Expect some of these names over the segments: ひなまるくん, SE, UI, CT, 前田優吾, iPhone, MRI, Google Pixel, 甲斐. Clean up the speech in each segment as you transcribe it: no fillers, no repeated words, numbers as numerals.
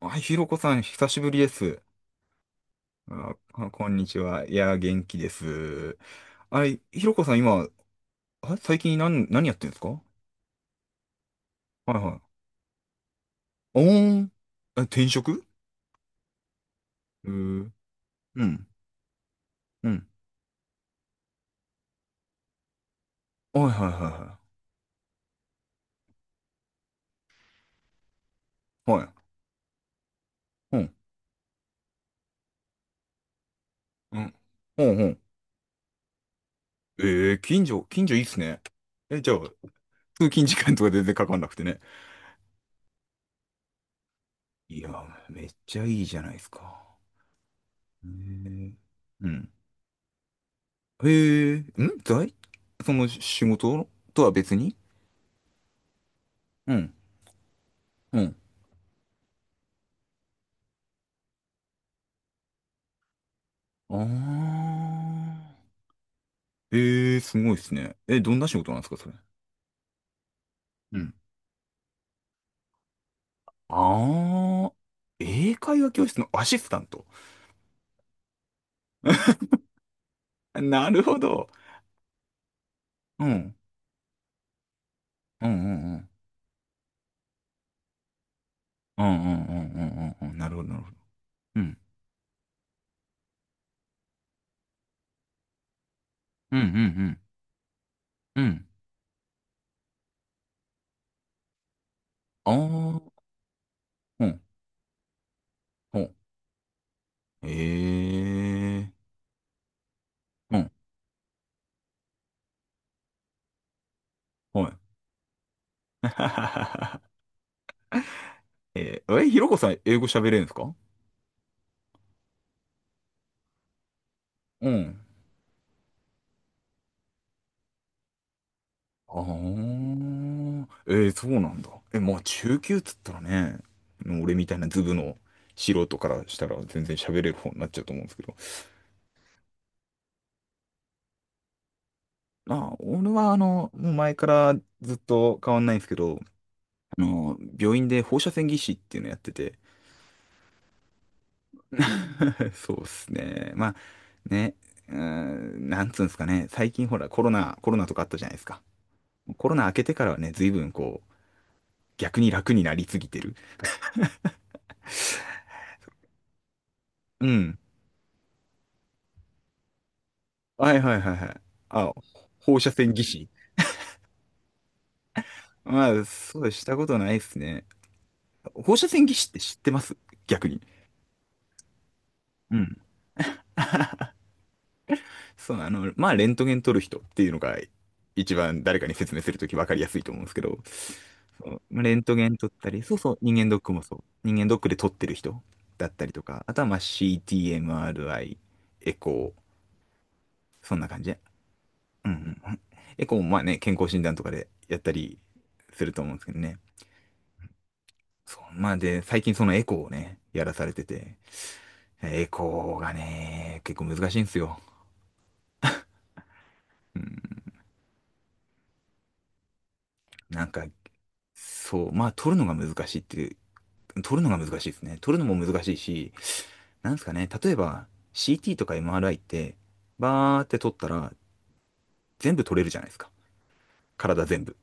はい、ひろこさん、久しぶりです。あ、あこんにちは。いや、元気です。あれ、ひろこさん、今、あ、最近何やってんですか？はいはい。おーん。え、転職？うー、うん。うん。はいはいはいはい。はい。うん。うん。うん。うん。えー、近所いいっすね。え、じゃあ、通勤時間とか全然かかんなくてね。いや、めっちゃいいじゃないですか。へー、うん。へえー、その仕事とは別に？うん。うん。ああ。ええ、すごいですね。え、どんな仕事なんですか、それ。うん。ああ。英会話教室のアシスタント。なるほど。うん。うんうんうん。うんうんうんうんうんうん。なるほど、なるほど。うん。うんうんうん。うん。ああ。うん。ほう。ええ。うん。はい。えー、え、ひろこさん、英語喋れるんですか？うん。あーえー、そうなんだ。え、まあ中級っつったらね、俺みたいなズブの素人からしたら全然喋れる方になっちゃうと思うんですけど。まあ、俺はもう前からずっと変わんないんですけど、あの、病院で放射線技師っていうのやってて。そうっすね。まあ、ね、なんつうんですかね、最近ほらコロナとかあったじゃないですか。コロナ明けてからはね、随分こう、逆に楽になりすぎてる。うん。はいはいはいはい。あ、放射線技師。まあ、そうしたことないですね。放射線技師って知ってます？逆に。うん。そう、あの、まあ、レントゲン撮る人っていうのが、一番誰かに説明するとき分かりやすいと思うんですけど、そうまあレントゲン撮ったり、そうそう、人間ドックもそう。人間ドックで撮ってる人だったりとか、あとはまあ CT、MRI、エコー、そんな感じ。うんうんうん。エコーもまあね、健康診断とかでやったりすると思うんですけどね。そう、まあで、最近そのエコーをね、やらされてて、エコーがね、結構難しいんですよ。うん、なんか、そう、まあ撮るのが難しいっていう、撮るのが難しいですね。撮るのも難しいし、なんですかね、例えば CT とか MRI って、バーって撮ったら全部撮れるじゃないですか。体全部。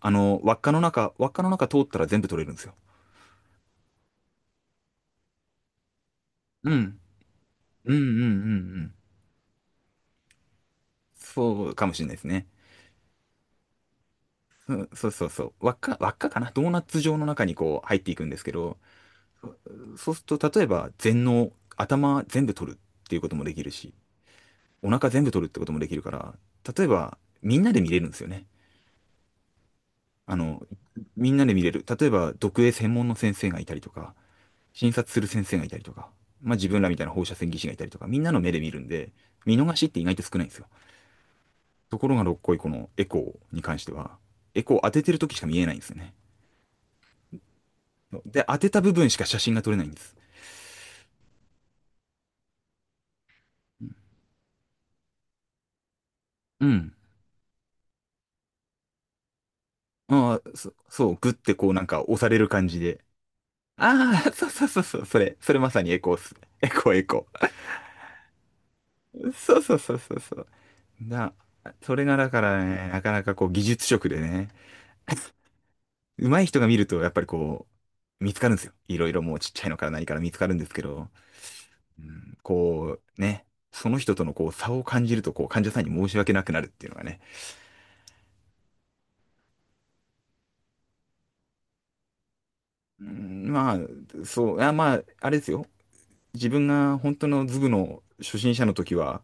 あの、輪っかの中通ったら全部撮れるんですよ。うん。うんうんうんうん。そうかもしれないですね。うん、そうそうそう。輪っかかなドーナツ状の中にこう入っていくんですけど、そうすると、例えば全脳、頭全部取るっていうこともできるし、お腹全部取るってこともできるから、例えばみんなで見れるんですよね。あの、みんなで見れる。例えば読影専門の先生がいたりとか、診察する先生がいたりとか、まあ自分らみたいな放射線技師がいたりとか、みんなの目で見るんで、見逃しって意外と少ないんですよ。ところがどっこいこのエコーに関しては、エコーを当ててる時しか見えないんですよね。で、当てた部分しか写真が撮れないんです。うん。ああ、そう、グッてこうなんか押される感じで。ああ、そうそうそうそう、それまさにエコーっすね。エコー。そうそうそうそうそう。な、それがだからね、なかなかこう技術職でね、上手い人が見るとやっぱりこう、見つかるんですよ。いろいろもうちっちゃいのから何から見つかるんですけど、うん、こうね、その人とのこう差を感じるとこう患者さんに申し訳なくなるっていうのがね。うん、まあ、そう、あ、まあ、あれですよ。自分が本当のズブの初心者の時は、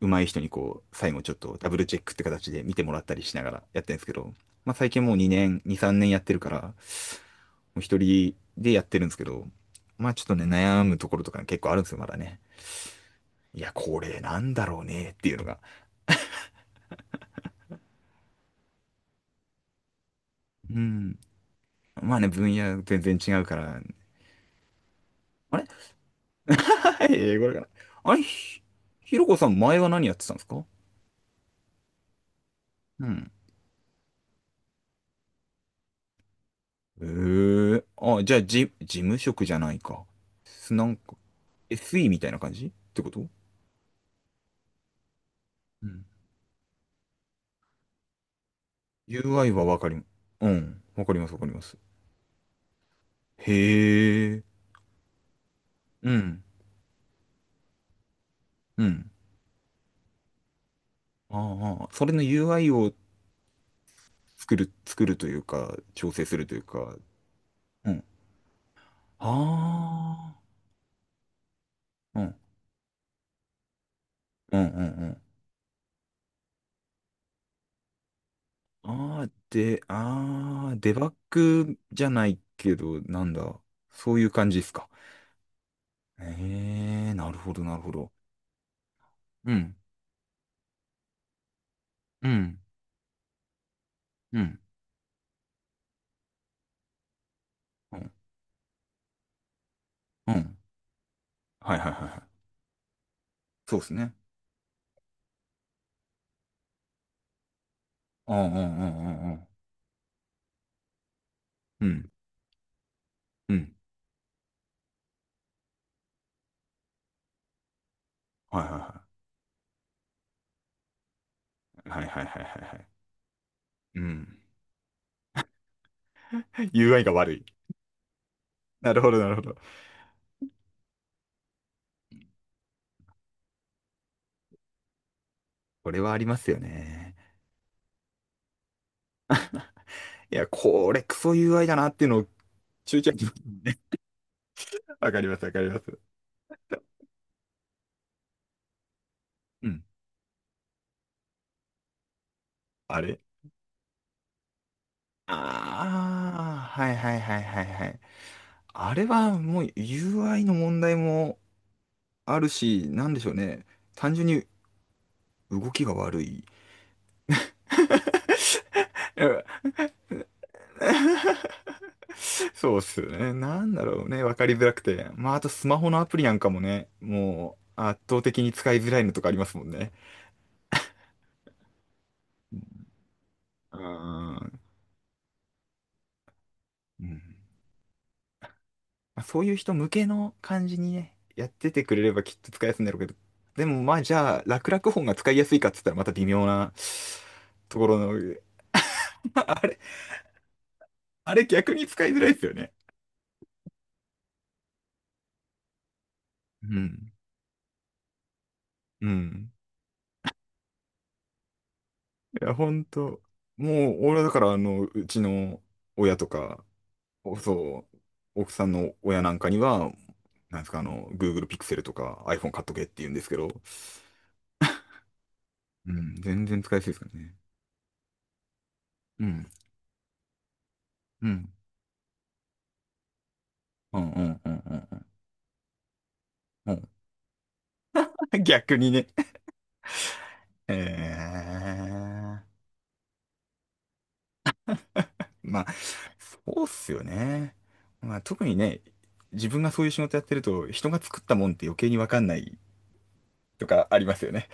上手い人にこう、最後ちょっとダブルチェックって形で見てもらったりしながらやってるんですけど、まあ最近もう2年、2、3年やってるから、もう一人でやってるんですけど、まあちょっとね、悩むところとか結構あるんですよ、まだね。いや、これなんだろうねっていうのが。うん。まあね、分野全然違うから。あれはい、これかな。あれひ、ひろこさん前は何やってたんですか？うん。えーあ、じゃあ、事務職じゃないか。なんか、SE みたいな感じってこと？うん UI はわかり、うん。わかります、わかります。へえ。うん。うん。ああ、それの UI を作るというか、調整するというか、うん。ああ、うん。うん、うん、うん。ああ、で、ああ、デバッグじゃないけど、なんだ。そういう感じですか？ええ、なるほど、なるほど。うん、うん、うん、うん、うん。はいはいはいはい。そうですね。うん、うん、うん、うん、うん。うん、うん。はいはいはい。はいはいはいはいはいうん。UI が悪い。なるほどなるほど。これはありますよね。いや、これクソ UI だなっていうのを中ちゃに わかりますわかります。うん。あれああー、はいはいはいはいはい。あれはもう UI の問題もあるし、なんでしょうね。単純に動きが悪い。うんそうっすよね。なんだろうね。わかりづらくて。まあ、あとスマホのアプリなんかもね、もう圧倒的に使いづらいのとかありますもんね。あーうん。まあ、そういう人向けの感じにね、やっててくれればきっと使いやすいんだろうけど、でもまあじゃあ、楽々本が使いやすいかっつったらまた微妙なところの、あれ、あれ逆に使いづらいですよね。うん。うん。いや、ほんと、もう俺はだからあの、うちの親とか、おそう、奥さんの親なんかには、なんですか、あの、Google Pixel とか iPhone 買っとけって言うんですけど、うん、全然使いやすいですからね。うん。うん。うんうんうんうんうんうん。逆にね。ええまあ、そうっすよね。まあ、特にね、自分がそういう仕事やってると、人が作ったもんって余計にわかんないとかありますよね。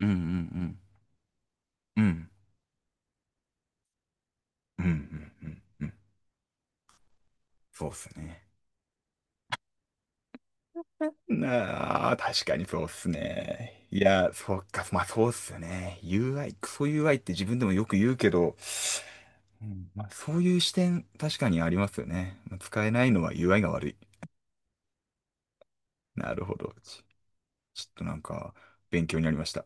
うんうんうん。うんうんうんうんうんそうっすね。なあ、確かにそうっすね。いや、そっか、まあそうっすよね。UI、クソ UI って自分でもよく言うけど、うんまあ、そういう視点、確かにありますよね。まあ使えないのは UI が悪い。なるほど。ちょっとなんか、勉強になりました。